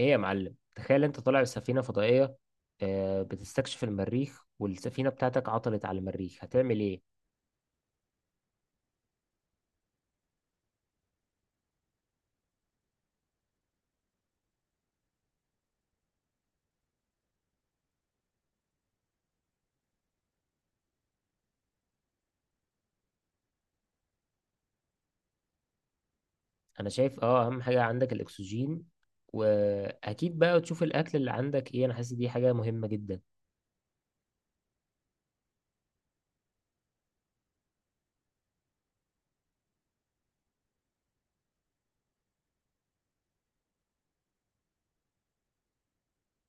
ايه يا معلم، تخيل انت طالع بسفينة فضائية، بتستكشف المريخ والسفينة بتاعتك عطلت على المريخ، هتعمل ايه؟ انا شايف اهم حاجة عندك الاكسجين، واكيد بقى تشوف الاكل اللي عندك ايه. انا حاسس دي حاجة مهمة جدا.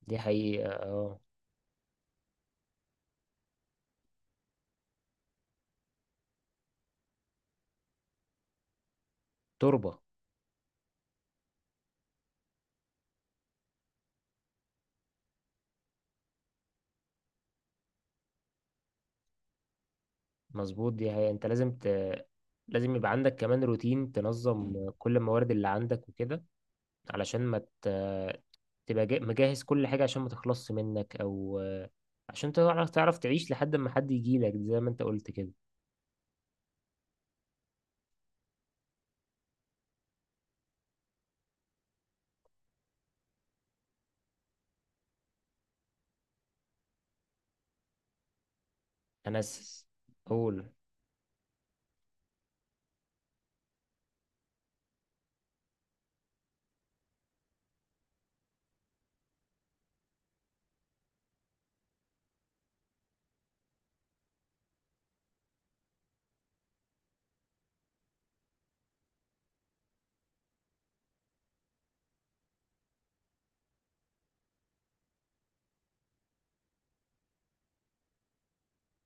دي حقيقة، اه. تربة. مظبوط. دي حقيقة، انت لازم لازم يبقى عندك كمان روتين تنظم كل الموارد اللي عندك وكده، علشان ما ت- تبقى مجهز كل حاجة، عشان ما تخلصش منك أو، عشان تعرف تعيش لحد ما حد يجيلك زي ما أنت قلت كده. أنا س... أقول،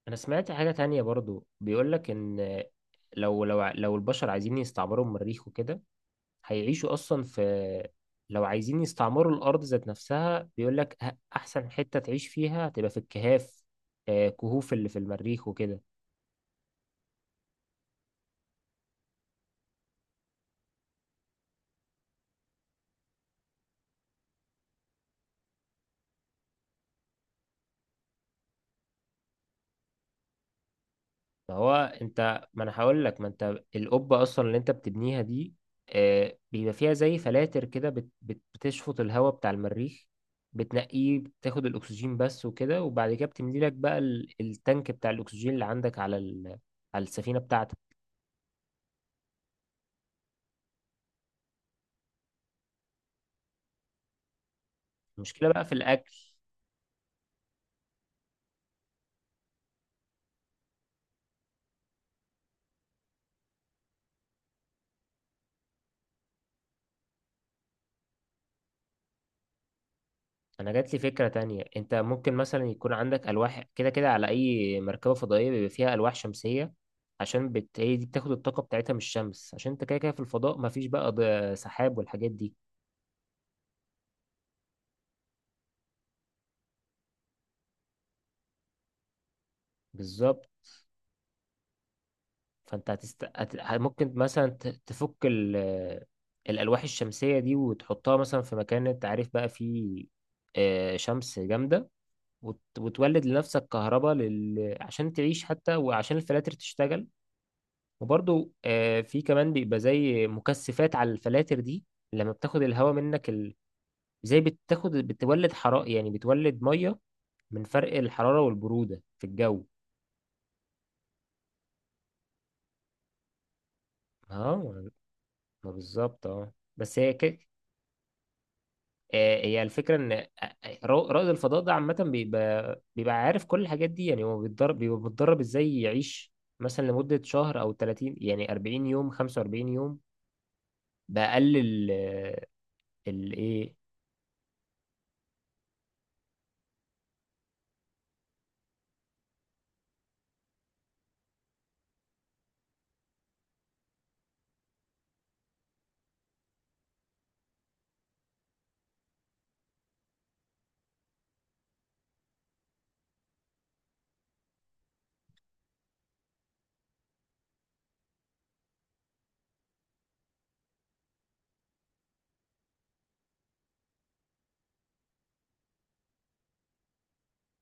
أنا سمعت حاجة تانية برضو، بيقولك إن لو البشر عايزين يستعمروا المريخ وكده، هيعيشوا أصلا في. لو عايزين يستعمروا الأرض ذات نفسها، بيقولك أحسن حتة تعيش فيها هتبقى في الكهاف، كهوف اللي في المريخ وكده. ما هو، انت، ما انا هقول لك، ما انت القبه اصلا اللي انت بتبنيها دي بيبقى فيها زي فلاتر كده، بتشفط الهواء بتاع المريخ، بتنقيه، بتاخد الاكسجين بس وكده، وبعد كده بتملي لك بقى التانك بتاع الاكسجين اللي عندك على على السفينه بتاعتك. المشكله بقى في الاكل. انا جات لي فكره تانية. انت ممكن مثلا يكون عندك الواح كده كده. على اي مركبه فضائيه بيبقى فيها الواح شمسيه، عشان هي دي بتاخد الطاقه بتاعتها من الشمس، عشان انت كده كده في الفضاء مفيش بقى سحاب والحاجات دي. بالظبط. فانت ممكن مثلا تفك الالواح الشمسيه دي وتحطها مثلا في مكان انت عارف بقى فيه شمس جامده، وتولد لنفسك كهرباء، عشان تعيش حتى، وعشان الفلاتر تشتغل. وبرضو في كمان بيبقى زي مكثفات على الفلاتر دي. لما بتاخد الهواء منك زي بتاخد، بتولد حرارة، يعني بتولد مية من فرق الحرارة والبرودة في الجو. اه. ما بالظبط، اه، بس هي هي الفكرة ان رائد الفضاء ده عامة بيبقى بيبقى عارف كل الحاجات دي. يعني هو بيتدرب، بيبقى متدرب ازاي يعيش مثلا لمدة شهر او 30، يعني 40 يوم، 45 يوم، بأقل ايه.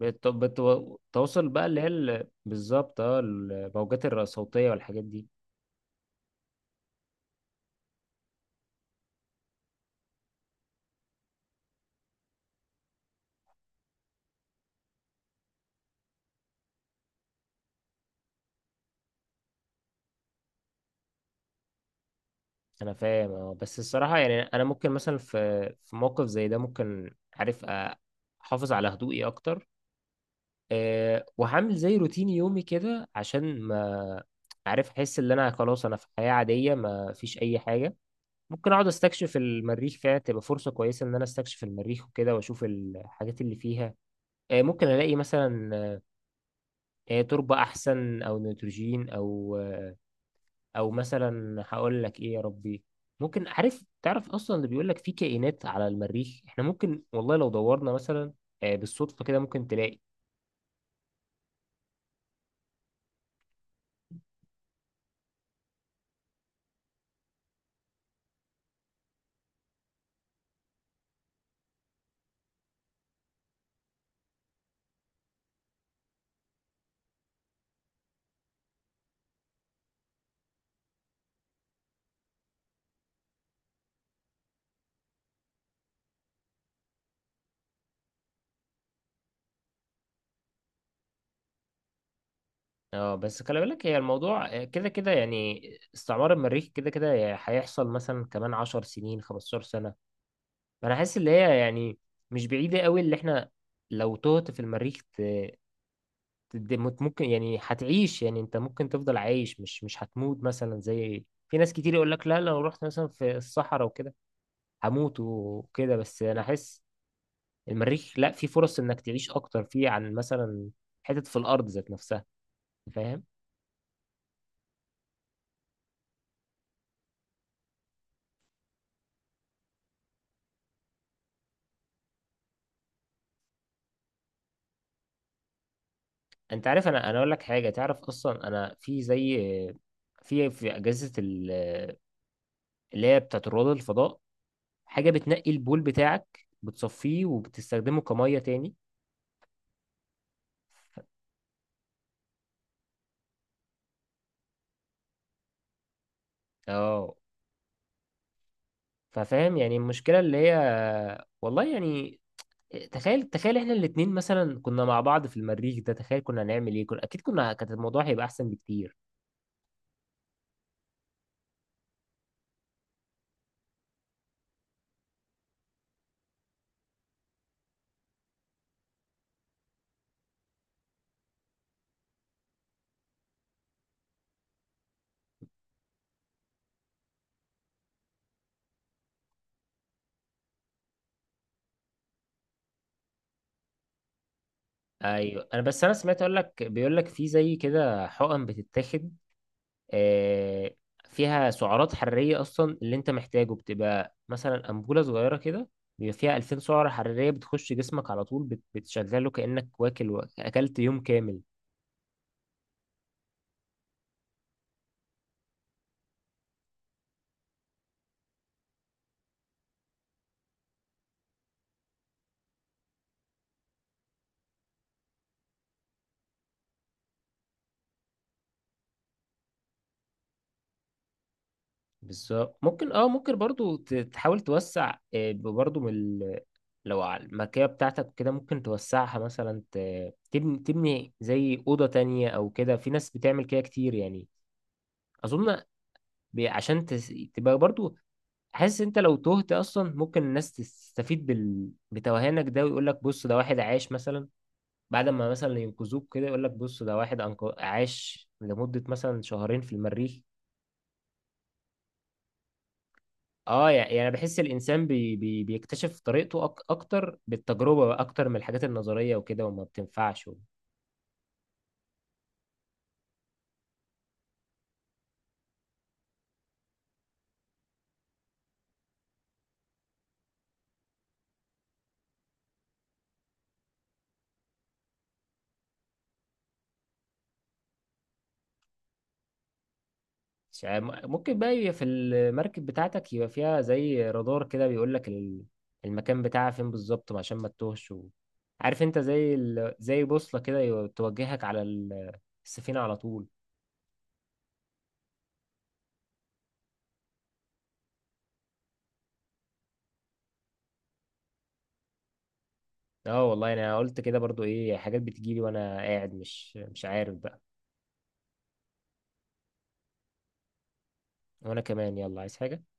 بت- بت- بتوصل بقى اللي هي بالظبط، الموجات الصوتية والحاجات دي. انا فاهم، اه، بس الصراحة يعني، انا ممكن مثلا في موقف زي ده ممكن، عارف، احافظ على هدوئي اكتر. أه، وهعمل زي روتين يومي كده عشان ما، عارف، احس ان انا خلاص، انا في حياة عادية، ما فيش اي حاجة. ممكن اقعد استكشف المريخ فيها، تبقى فرصة كويسة ان انا استكشف المريخ وكده واشوف الحاجات اللي فيها. أه، ممكن الاقي مثلا تربة احسن او نيتروجين او، او مثلا، هقول لك ايه يا ربي، ممكن، عارف، تعرف اصلا اللي بيقول لك في كائنات على المريخ. احنا ممكن، والله، لو دورنا مثلا بالصدفه كده، ممكن تلاقي. اه، بس خلي بالك، هي الموضوع كده كده يعني. استعمار المريخ كده كده هيحصل مثلا كمان 10 سنين، 15 سنه. فانا حاسس ان هي يعني مش بعيده قوي. اللي احنا لو تهت في المريخ ممكن، يعني هتعيش. يعني انت ممكن تفضل عايش، مش هتموت. مثلا زي في ناس كتير يقول لك لا، لو رحت مثلا في الصحراء وكده هموت وكده. بس انا احس المريخ لا، في فرص انك تعيش اكتر فيه عن مثلا حتت في الارض ذات نفسها. فاهم. انت عارف، انا، اقول لك حاجه. تعرف اصلا انا في زي، في اجهزه اللي هي بتاعت رواد الفضاء، حاجه بتنقي البول بتاعك، بتصفيه وبتستخدمه كميه تاني. اه. ففاهم يعني المشكله اللي هي. والله يعني، تخيل، تخيل احنا الاتنين مثلا كنا مع بعض في المريخ ده، تخيل كنا هنعمل ايه. كنا اكيد كنا، كانت الموضوع هيبقى احسن بكتير. ايوه، انا بس، انا سمعت، اقول لك، بيقول لك في زي كده حقن بتتاخد آه، فيها سعرات حراريه اصلا اللي انت محتاجه. بتبقى مثلا انبوله صغيره كده، بيبقى فيها 2000 سعره حراريه، بتخش جسمك على طول، بتشغله كانك، واكل و، اكلت يوم كامل. بالظبط، ممكن، ممكن برضو تحاول توسع برضو من لو على المكيه بتاعتك كده، ممكن توسعها مثلا تبني، تبني زي اوضه تانية او كده. في ناس بتعمل كده كتير يعني. اظن عشان تبقى برضو حاسس، انت لو تهت اصلا، ممكن الناس تستفيد بتوهانك ده، ويقول لك بص، ده واحد عاش مثلا، بعد ما مثلا ينقذوك كده، يقول لك بص ده واحد عاش لمدة مثلا شهرين في المريخ. اه، يعني بحس الانسان بيكتشف طريقته اكتر بالتجربة بقى، اكتر من الحاجات النظرية وكده وما بتنفعش. مش ممكن بقى يبقى في المركب بتاعتك، يبقى فيها زي رادار كده، بيقول لك المكان بتاعها فين بالظبط، عشان ما تتوهش. عارف انت زي زي بوصلة كده توجهك على السفينة على طول. اه والله، انا قلت كده برضو. ايه حاجات بتجيلي وانا قاعد، مش عارف بقى. وانا كمان، يلا، عايز حاجة.